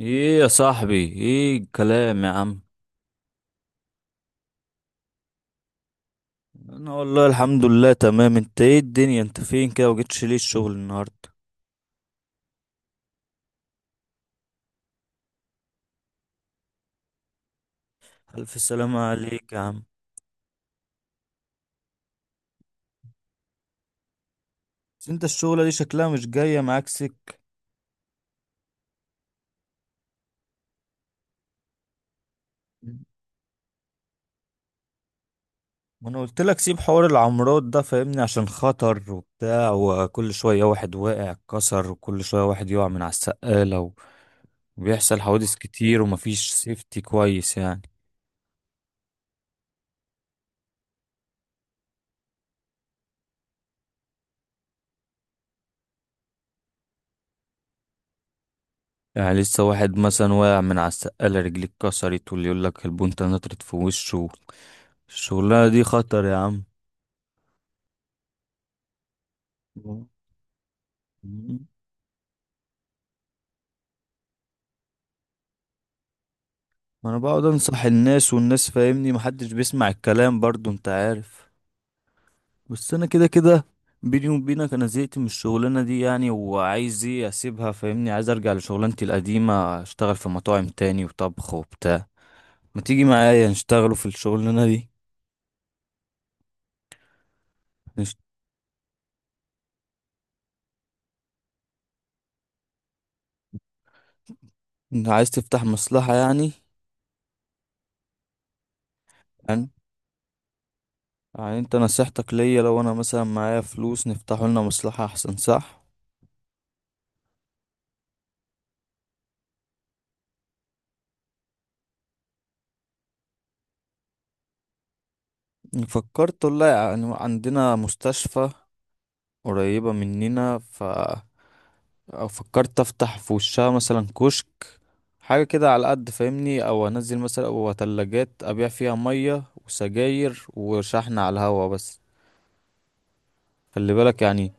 ايه يا صاحبي؟ ايه الكلام يا عم. انا والله الحمد لله تمام. انت ايه الدنيا؟ انت فين كده وجيتش ليه الشغل النهارده؟ الف سلامة عليك يا عم. بس انت الشغلة دي شكلها مش جاية معاك سك. ما انا قلت لك سيب حوار العمارات ده، فاهمني؟ عشان خطر وبتاع، وكل شوية واحد واقع اتكسر، وكل شوية واحد يقع من على السقالة، وبيحصل حوادث كتير، ومفيش سيفتي كويس يعني. يعني لسه واحد مثلا واقع من على السقالة رجليه اتكسرت، واللي يقول لك البنطة نطرت في وشه. الشغلانة دي خطر يا عم. ما انا بقعد انصح الناس، والناس فاهمني محدش بيسمع الكلام برضو، انت عارف. بس انا كده كده بيني وبينك انا زهقت من الشغلانة دي يعني، وعايز ايه اسيبها، فاهمني؟ عايز ارجع لشغلانتي القديمة، اشتغل في مطاعم تاني وطبخ وبتاع. ما تيجي معايا نشتغلوا في الشغلانة دي؟ نشت... انت عايز تفتح مصلحة يعني؟ يعني يعني انت نصيحتك ليا لو انا مثلا معايا فلوس نفتحوا لنا مصلحة احسن، صح؟ فكرت والله يعني، عندنا مستشفى قريبة مننا، ف أو فكرت أفتح في وشها مثلا كشك، حاجة كده على قد فاهمني، أو أنزل مثلا أو تلاجات أبيع فيها مية وسجاير وشحن على الهوا بس. خلي بالك يعني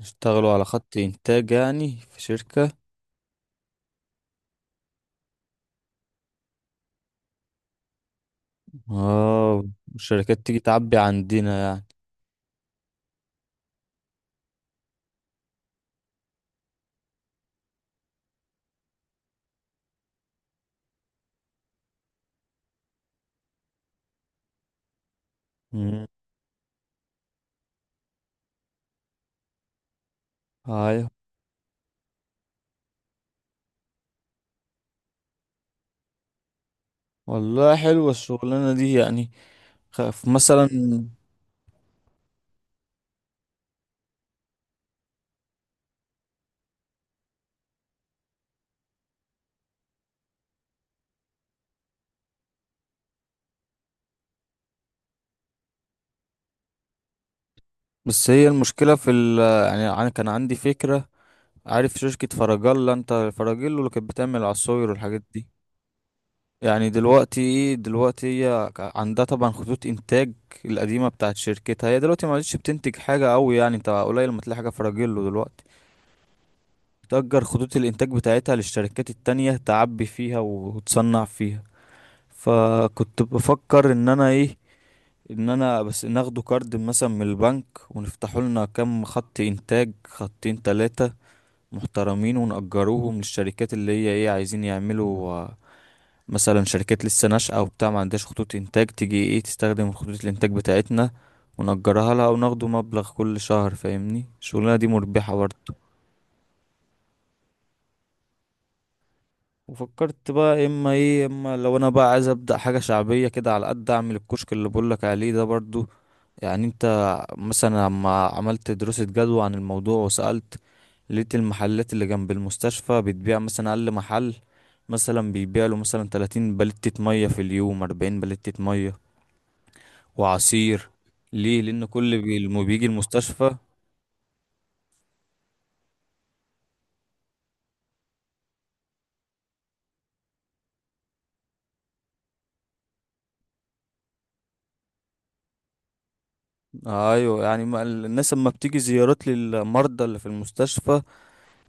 اشتغلوا على خط إنتاج يعني في شركة. اه، الشركات تيجي تعبي عندنا يعني. مم. أيوة. والله حلوة الشغلانة دي يعني. مثلا بس هي المشكلة في ال، يعني أنا كان عندي فكرة. عارف شركة فراجيلا؟ أنت فراجيلو اللي كانت بتعمل عصاير والحاجات دي. يعني دلوقتي إيه، دلوقتي هي عندها طبعا خطوط إنتاج القديمة بتاعت شركتها، هي دلوقتي ما عادش بتنتج حاجة أوي يعني، أنت قليل ما تلاقي حاجة فراجيلو دلوقتي. بتأجر خطوط الإنتاج بتاعتها للشركات التانية تعبي فيها وتصنع فيها. فكنت بفكر إن أنا إيه، ان انا بس ناخده كارد مثلا من البنك ونفتحوا لنا كام خط انتاج، خطين تلاتة محترمين، ونأجروهم للشركات اللي هي ايه عايزين يعملوا. آه، مثلا شركات لسه ناشئة وبتاع ما عندهاش خطوط إنتاج، تيجي ايه تستخدم خطوط الإنتاج بتاعتنا، ونأجرها لها وناخده مبلغ كل شهر، فاهمني؟ الشغلانة دي مربحة برضه. وفكرت بقى اما ايه، اما لو انا بقى عايز ابدا حاجه شعبيه كده على قد، اعمل الكشك اللي بقولك عليه ده برضو. يعني انت مثلا لما عملت دراسة جدوى عن الموضوع وسألت، لقيت المحلات اللي جنب المستشفى بتبيع مثلا، أقل محل مثلا بيبيع له مثلا 30 بلتة مية في اليوم، 40 بلتة مية وعصير. ليه؟ لأن كل اللي بيجي المستشفى. أيوه يعني، الناس لما بتيجي زيارات للمرضى اللي في المستشفى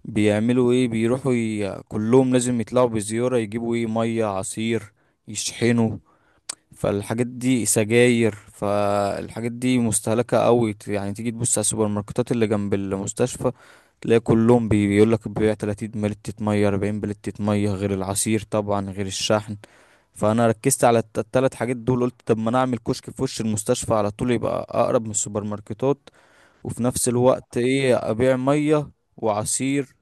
بيعملوا إيه؟ بيروحوا كلهم لازم يطلعوا بزيارة يجيبوا إيه، مية عصير يشحنوا. فالحاجات دي سجاير، فالحاجات دي مستهلكة قوي. يعني تيجي تبص على السوبر ماركتات اللي جنب المستشفى، تلاقي كلهم بيقول لك بيبيع 30 بلتة مية 40 بلتة مية، غير العصير طبعا، غير الشحن. فانا ركزت على التلات حاجات دول، قلت طب ما انا اعمل كشك في وش المستشفى على طول، يبقى اقرب من السوبر ماركتات. وفي نفس الوقت ايه، ابيع مية وعصير.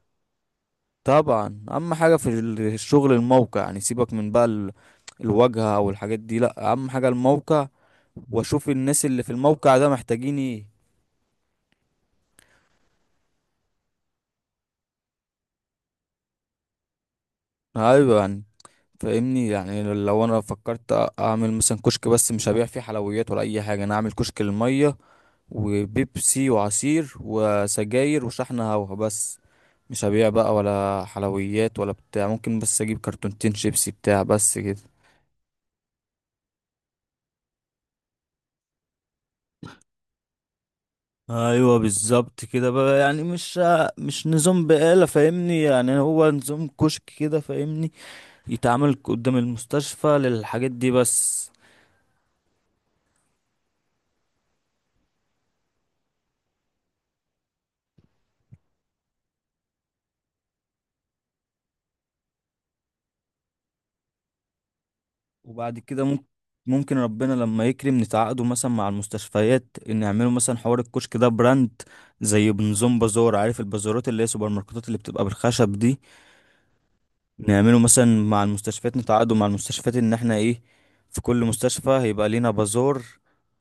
طبعا اهم حاجه في الشغل الموقع، يعني سيبك من بقى الواجهه او الحاجات دي، لا اهم حاجه الموقع. واشوف الناس اللي في الموقع ده محتاجين ايه. ايوه يعني، فاهمني؟ يعني لو انا فكرت اعمل مثلا كشك، بس مش هبيع فيه حلويات ولا اي حاجه، انا اعمل كشك للميه وبيبسي وعصير وسجاير وشحن هوا بس. مش هبيع بقى ولا حلويات ولا بتاع، ممكن بس اجيب كرتونتين شيبسي بتاع بس كده. ايوه بالظبط كده بقى، يعني مش مش نظام بقالة فاهمني، يعني هو نظام كشك كده فاهمني، يتعامل قدام المستشفى للحاجات دي بس. وبعد كده ممكن، ممكن ربنا لما يكرم نتعاقدوا مثلا مع المستشفيات ان يعملوا مثلا حوار الكشك ده براند، زي بنظام بازار، عارف البازارات اللي هي سوبر ماركتات اللي بتبقى بالخشب دي. نعمله مثلا مع المستشفيات، نتعاقدوا مع المستشفيات ان احنا ايه، في كل مستشفى هيبقى لينا بازار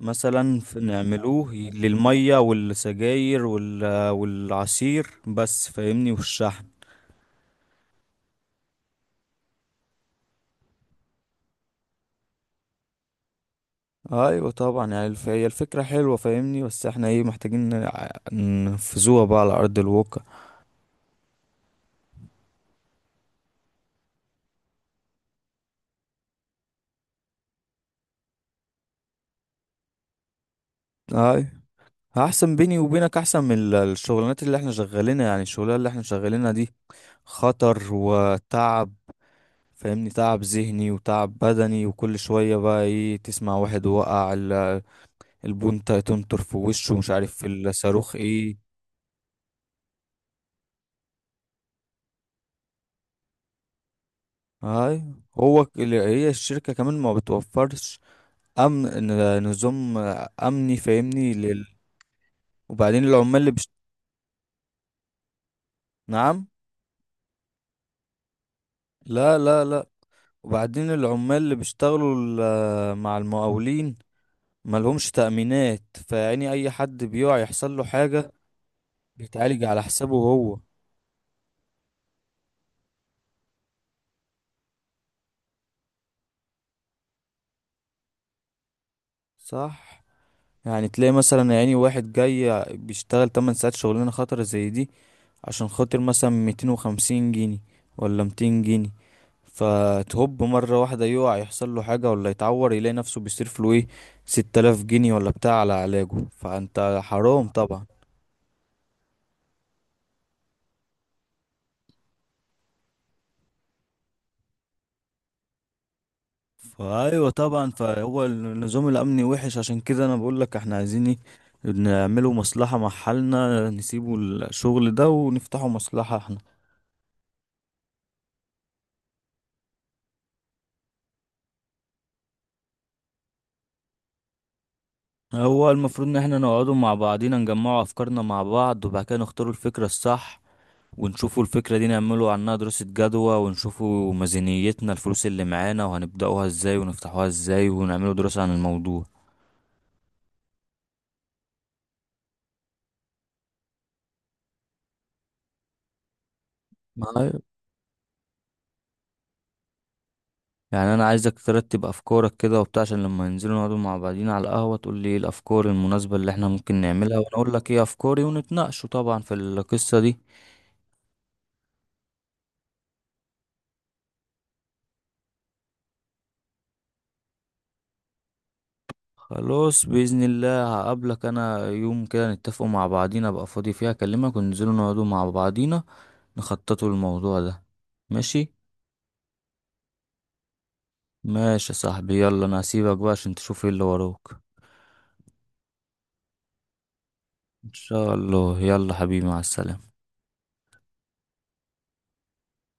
مثلا، نعملوه للمية والسجاير والعصير بس فاهمني، والشحن. ايوه طبعا يعني هي الفكرة حلوة فاهمني، بس احنا ايه محتاجين ننفذوها بقى على ارض الواقع. ايوه احسن، بيني وبينك احسن من الشغلانات اللي احنا شغالينها، يعني الشغلانة اللي احنا شغالينها دي خطر وتعب، فاهمني؟ تعب ذهني وتعب بدني، وكل شوية بقى ايه تسمع واحد وقع، البونتا تنطر في وشه، مش عارف في الصاروخ ايه. هاي، هو هي الشركة كمان ما بتوفرش أمن، نظام أمني فاهمني لل... وبعدين العمال اللي بيشت... نعم. لا لا لا، وبعدين العمال اللي بيشتغلوا مع المقاولين ملهمش تأمينات، فيعني أي حد بيقع يحصل له حاجة بيتعالج على حسابه هو. صح، يعني تلاقي مثلا، يعني واحد جاي بيشتغل 8 ساعات شغلانة خطرة زي دي، عشان خاطر مثلا 250 جنيه ولا 200 جنيه، فتهب مرة واحدة يقع يحصل له حاجة ولا يتعور، يلاقي نفسه بيصرف له ايه، 6000 جنيه ولا بتاع على علاجه، فانت حرام طبعا. فايوه طبعا، فهو النظام الامني وحش، عشان كده انا بقول لك احنا عايزين ايه، نعمله مصلحة مع حالنا، نسيبه الشغل ده ونفتحه مصلحة. هو المفروض ان احنا نقعدوا مع بعضينا نجمعوا افكارنا مع بعض، وبعد كده نختاروا الفكرة الصح، ونشوفوا الفكرة دي نعملوا عنها دراسة جدوى، ونشوفوا ميزانيتنا الفلوس اللي معانا، وهنبدأوها ازاي ونفتحوها ازاي، ونعملوا دراسة عن الموضوع. معايا؟ يعني انا عايزك ترتب افكارك كده وبتاع، عشان لما ننزلوا نقعدوا مع بعضينا على القهوة تقول لي ايه الافكار المناسبة اللي احنا ممكن نعملها، وانا اقول لك ايه افكاري، ونتناقشوا طبعا في القصة دي. خلاص بإذن الله، هقابلك أنا يوم كده نتفقوا مع بعضينا، أبقى فاضي فيها أكلمك وننزلوا نقعدوا مع بعضينا نخططوا الموضوع ده. ماشي. ماشي يا صاحبي، يلا أنا هسيبك بقى عشان تشوف ايه اللي وراك. إن شاء الله، يلا حبيبي، مع السلامة.